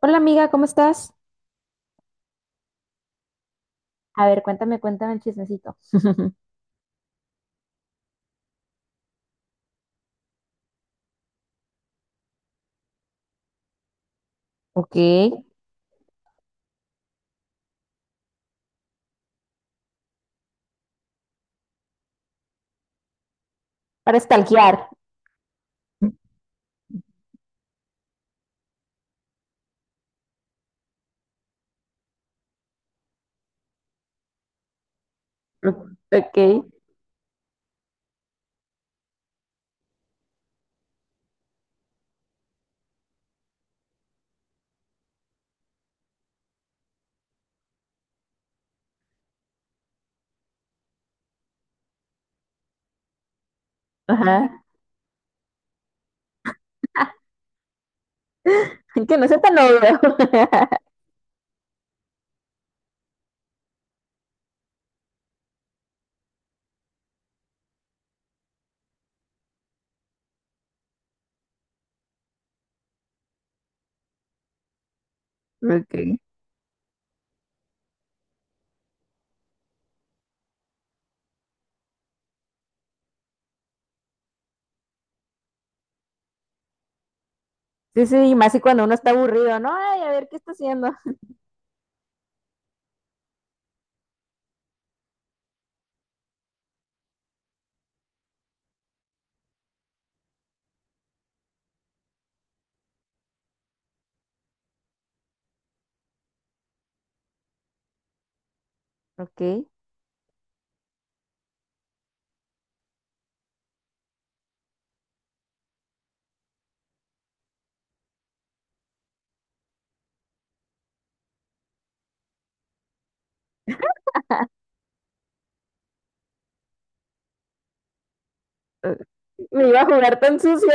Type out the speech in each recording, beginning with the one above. Hola amiga, ¿cómo estás? A ver, cuéntame, cuéntame el chismecito. Ok, para stalkear. Ok, ajá. Que no sea tan obvio. Ok. Sí, sí, y más si cuando uno está aburrido, ¿no? Ay, a ver, ¿qué está haciendo? Ok. Me iba a jugar tan sucio.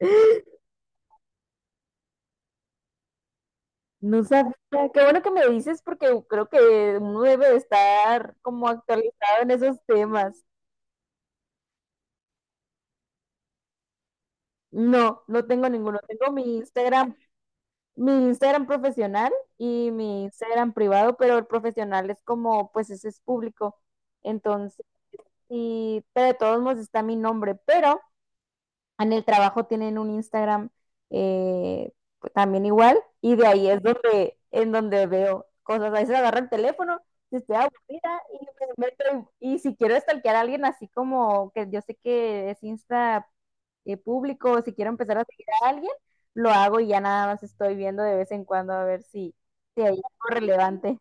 No sabía. Qué bueno que me dices porque creo que uno debe de estar como actualizado en esos temas. No, no tengo ninguno. Tengo mi Instagram profesional y mi Instagram privado, pero el profesional es como, pues ese es público. Entonces, y pero de todos modos está mi nombre, pero en el trabajo tienen un Instagram eh, pues, también igual, y de ahí es en donde veo cosas. A veces agarro el teléfono, si estoy aburrida, y me meto, y si quiero stalkear a alguien así como que yo sé que es Insta público, o si quiero empezar a seguir a alguien, lo hago y ya nada más estoy viendo de vez en cuando a ver si, si hay algo relevante.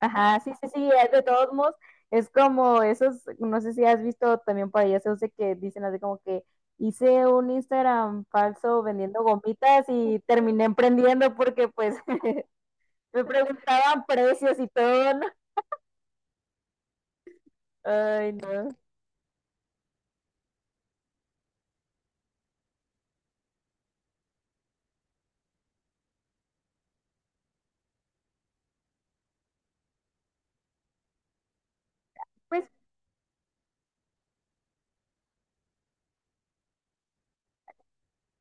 Ajá, sí, sí, sí, es de todos modos, es como esos, no sé si has visto también por ahí esos de que dicen así como que hice un Instagram falso vendiendo gomitas y terminé emprendiendo porque pues me preguntaban precios y todo, ¿no? Ay, no. Pues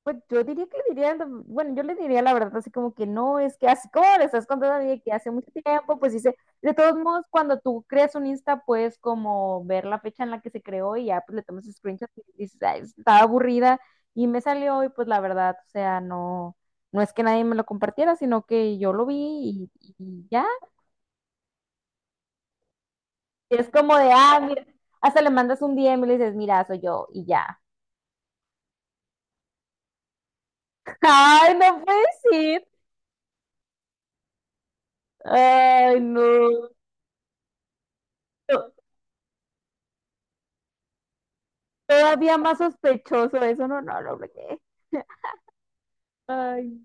Pues yo diría que le diría, bueno, yo le diría la verdad, así como que no, es que así como le estás contando a mí que hace mucho tiempo, pues dice, de todos modos, cuando tú creas un Insta, puedes como ver la fecha en la que se creó y ya pues le tomas screenshot y dices, "Ay, estaba aburrida y me salió y pues la verdad, o sea, no, no es que nadie me lo compartiera, sino que yo lo vi y ya. Y es como de, ah, mira, hasta le mandas un DM y le dices, mira, soy yo y ya. Ay, no puede ser. Ay, no. Todavía más sospechoso eso, no, no, no, porque- Ay.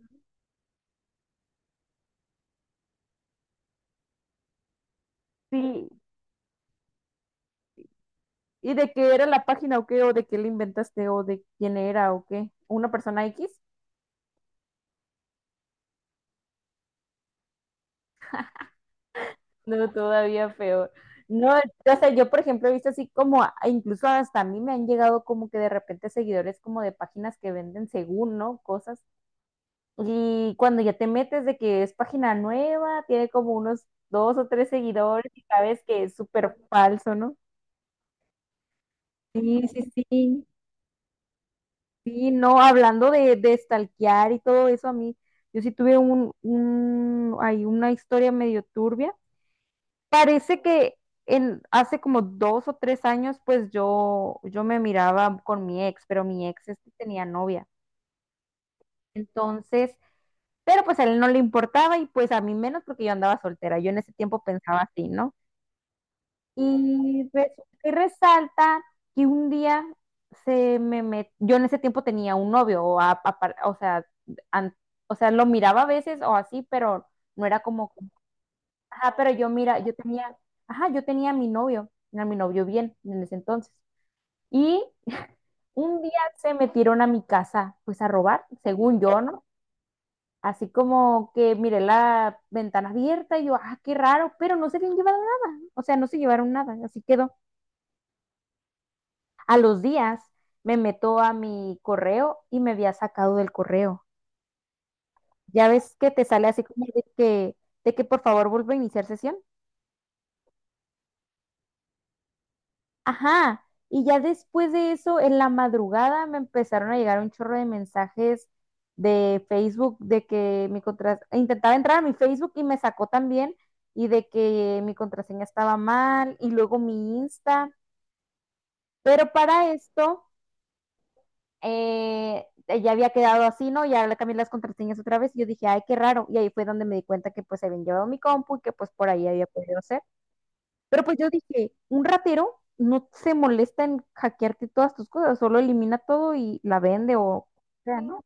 Sí. ¿Y de qué era la página o qué? ¿O de qué la inventaste? ¿O de quién era o qué? ¿Una persona X? No, todavía peor. No, o sea, yo por ejemplo he visto así como, incluso hasta a mí me han llegado como que de repente seguidores como de páginas que venden según, ¿no? Cosas. Y cuando ya te metes de que es página nueva, tiene como unos dos o tres seguidores y sabes que es súper falso, ¿no? Sí, sí, sí. Sí, no, hablando de stalkear y todo eso, a mí, yo sí tuve hay una historia medio turbia. Parece que hace como dos o tres años, pues yo me miraba con mi ex, pero mi ex este tenía novia. Entonces, pero pues a él no le importaba y pues a mí menos porque yo andaba soltera. Yo en ese tiempo pensaba así, ¿no? Y resulta y resalta que un día yo en ese tiempo tenía un novio, an- o sea, lo miraba a veces o así, pero no era como, ajá, pero yo mira, yo tenía, ajá, yo tenía a mi novio bien en ese entonces. Y un día se metieron a mi casa, pues a robar, según yo, ¿no? Así como que miré la ventana abierta y yo, ah, qué raro, pero no se habían llevado nada, o sea, no se llevaron nada, así quedó. A los días me meto a mi correo y me había sacado del correo. Ya ves que te sale así como de que, por favor vuelva a iniciar sesión. Ajá. Y ya después de eso, en la madrugada me empezaron a llegar un chorro de mensajes de Facebook de que mi contraseña, intentaba entrar a mi Facebook y me sacó también y de que mi contraseña estaba mal y luego mi Insta. Pero para esto, ya había quedado así, ¿no? Ya le cambié las contraseñas otra vez y yo dije, ay, qué raro. Y ahí fue donde me di cuenta que pues se habían llevado mi compu y que pues por ahí había podido ser. Pero pues yo dije, un ratero no se molesta en hackearte todas tus cosas, solo elimina todo y la vende o sea, ¿no?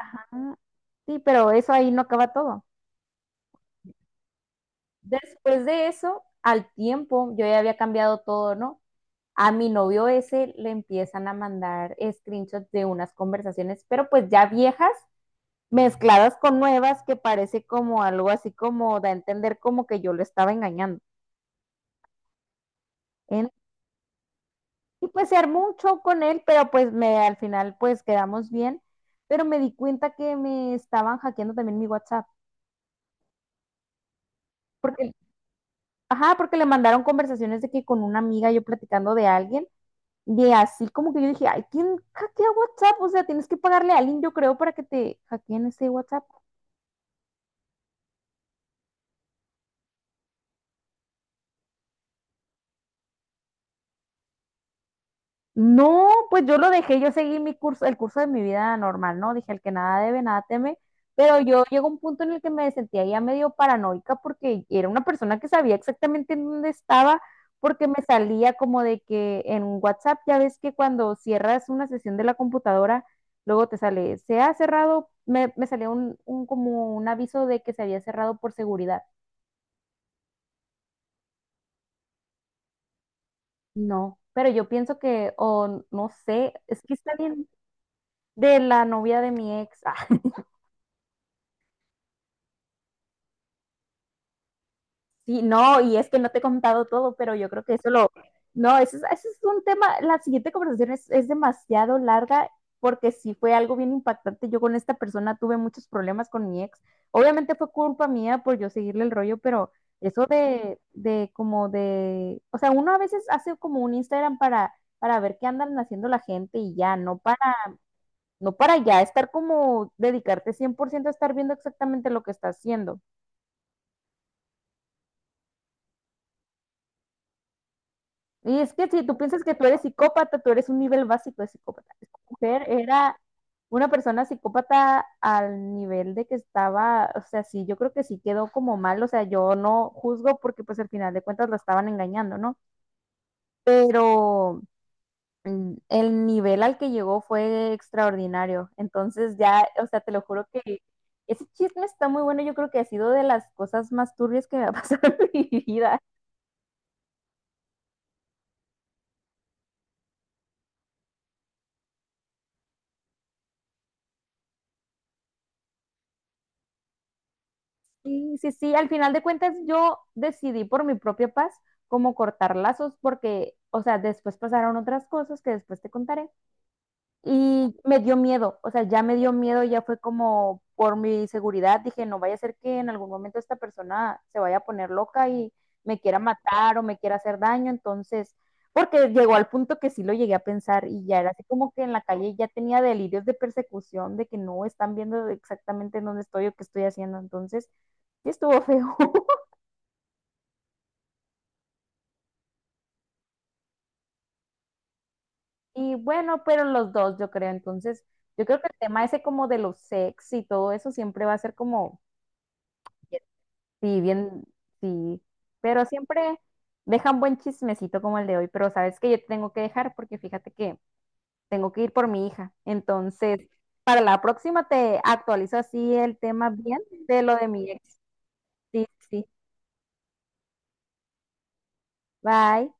Ah, sí, pero eso ahí no acaba todo. Después de eso, al tiempo, yo ya había cambiado todo, ¿no? A mi novio ese le empiezan a mandar screenshots de unas conversaciones, pero pues ya viejas, mezcladas con nuevas que parece como algo así como da a entender como que yo lo estaba engañando. En- y pues se armó un show con él, pero pues al final pues quedamos bien, pero me di cuenta que me estaban hackeando también mi WhatsApp, porque, ajá, porque le mandaron conversaciones de que con una amiga yo platicando de alguien, y así como que yo dije, ay, ¿quién hackea WhatsApp? O sea, tienes que pagarle a alguien, yo creo, para que te hackeen ese WhatsApp. No, pues yo lo dejé, yo seguí mi curso, el curso de mi vida normal, ¿no? Dije, el que nada debe, nada teme, pero yo llegó un punto en el que me sentía ya medio paranoica porque era una persona que sabía exactamente en dónde estaba, porque me salía como de que en WhatsApp, ya ves que cuando cierras una sesión de la computadora, luego te sale, se ha cerrado, me salía un como un aviso de que se había cerrado por seguridad. No, pero yo pienso que, o no sé, es que está bien de la novia de mi ex. Sí, no, y es que no te he contado todo, pero yo creo que eso lo... No, eso es un tema, la siguiente conversación es demasiado larga porque sí fue algo bien impactante. Yo con esta persona tuve muchos problemas con mi ex. Obviamente fue culpa mía por yo seguirle el rollo, pero eso de como de, o sea, uno a veces hace como un Instagram para, ver qué andan haciendo la gente y ya, no para, ya estar como dedicarte 100% a estar viendo exactamente lo que está haciendo. Y es que si tú piensas que tú eres psicópata, tú eres un nivel básico de psicópata. Esta mujer era una persona psicópata al nivel de que estaba, o sea, sí, yo creo que sí quedó como mal, o sea, yo no juzgo porque pues al final de cuentas la estaban engañando, ¿no? Pero el nivel al que llegó fue extraordinario. Entonces ya, o sea, te lo juro que ese chisme está muy bueno, yo creo que ha sido de las cosas más turbias que me ha pasado en mi vida. Sí, sí, sí, al final de cuentas yo decidí por mi propia paz como cortar lazos porque, o sea, después pasaron otras cosas que después te contaré. Y me dio miedo, o sea, ya me dio miedo, ya fue como por mi seguridad, dije, no vaya a ser que en algún momento esta persona se vaya a poner loca y me quiera matar o me quiera hacer daño, entonces, porque llegó al punto que sí lo llegué a pensar y ya era así como que en la calle ya tenía delirios de persecución, de que no están viendo exactamente en dónde estoy o qué estoy haciendo, entonces, sí estuvo feo. Y bueno, pero los dos, yo creo, entonces, yo creo que el tema ese como de los sex y todo eso siempre va a ser como... Sí, bien, sí. Pero siempre dejan buen chismecito como el de hoy. Pero sabes que yo te tengo que dejar porque fíjate que tengo que ir por mi hija. Entonces, para la próxima te actualizo así el tema bien de lo de mi ex. Sí, sí. Sí. Bye.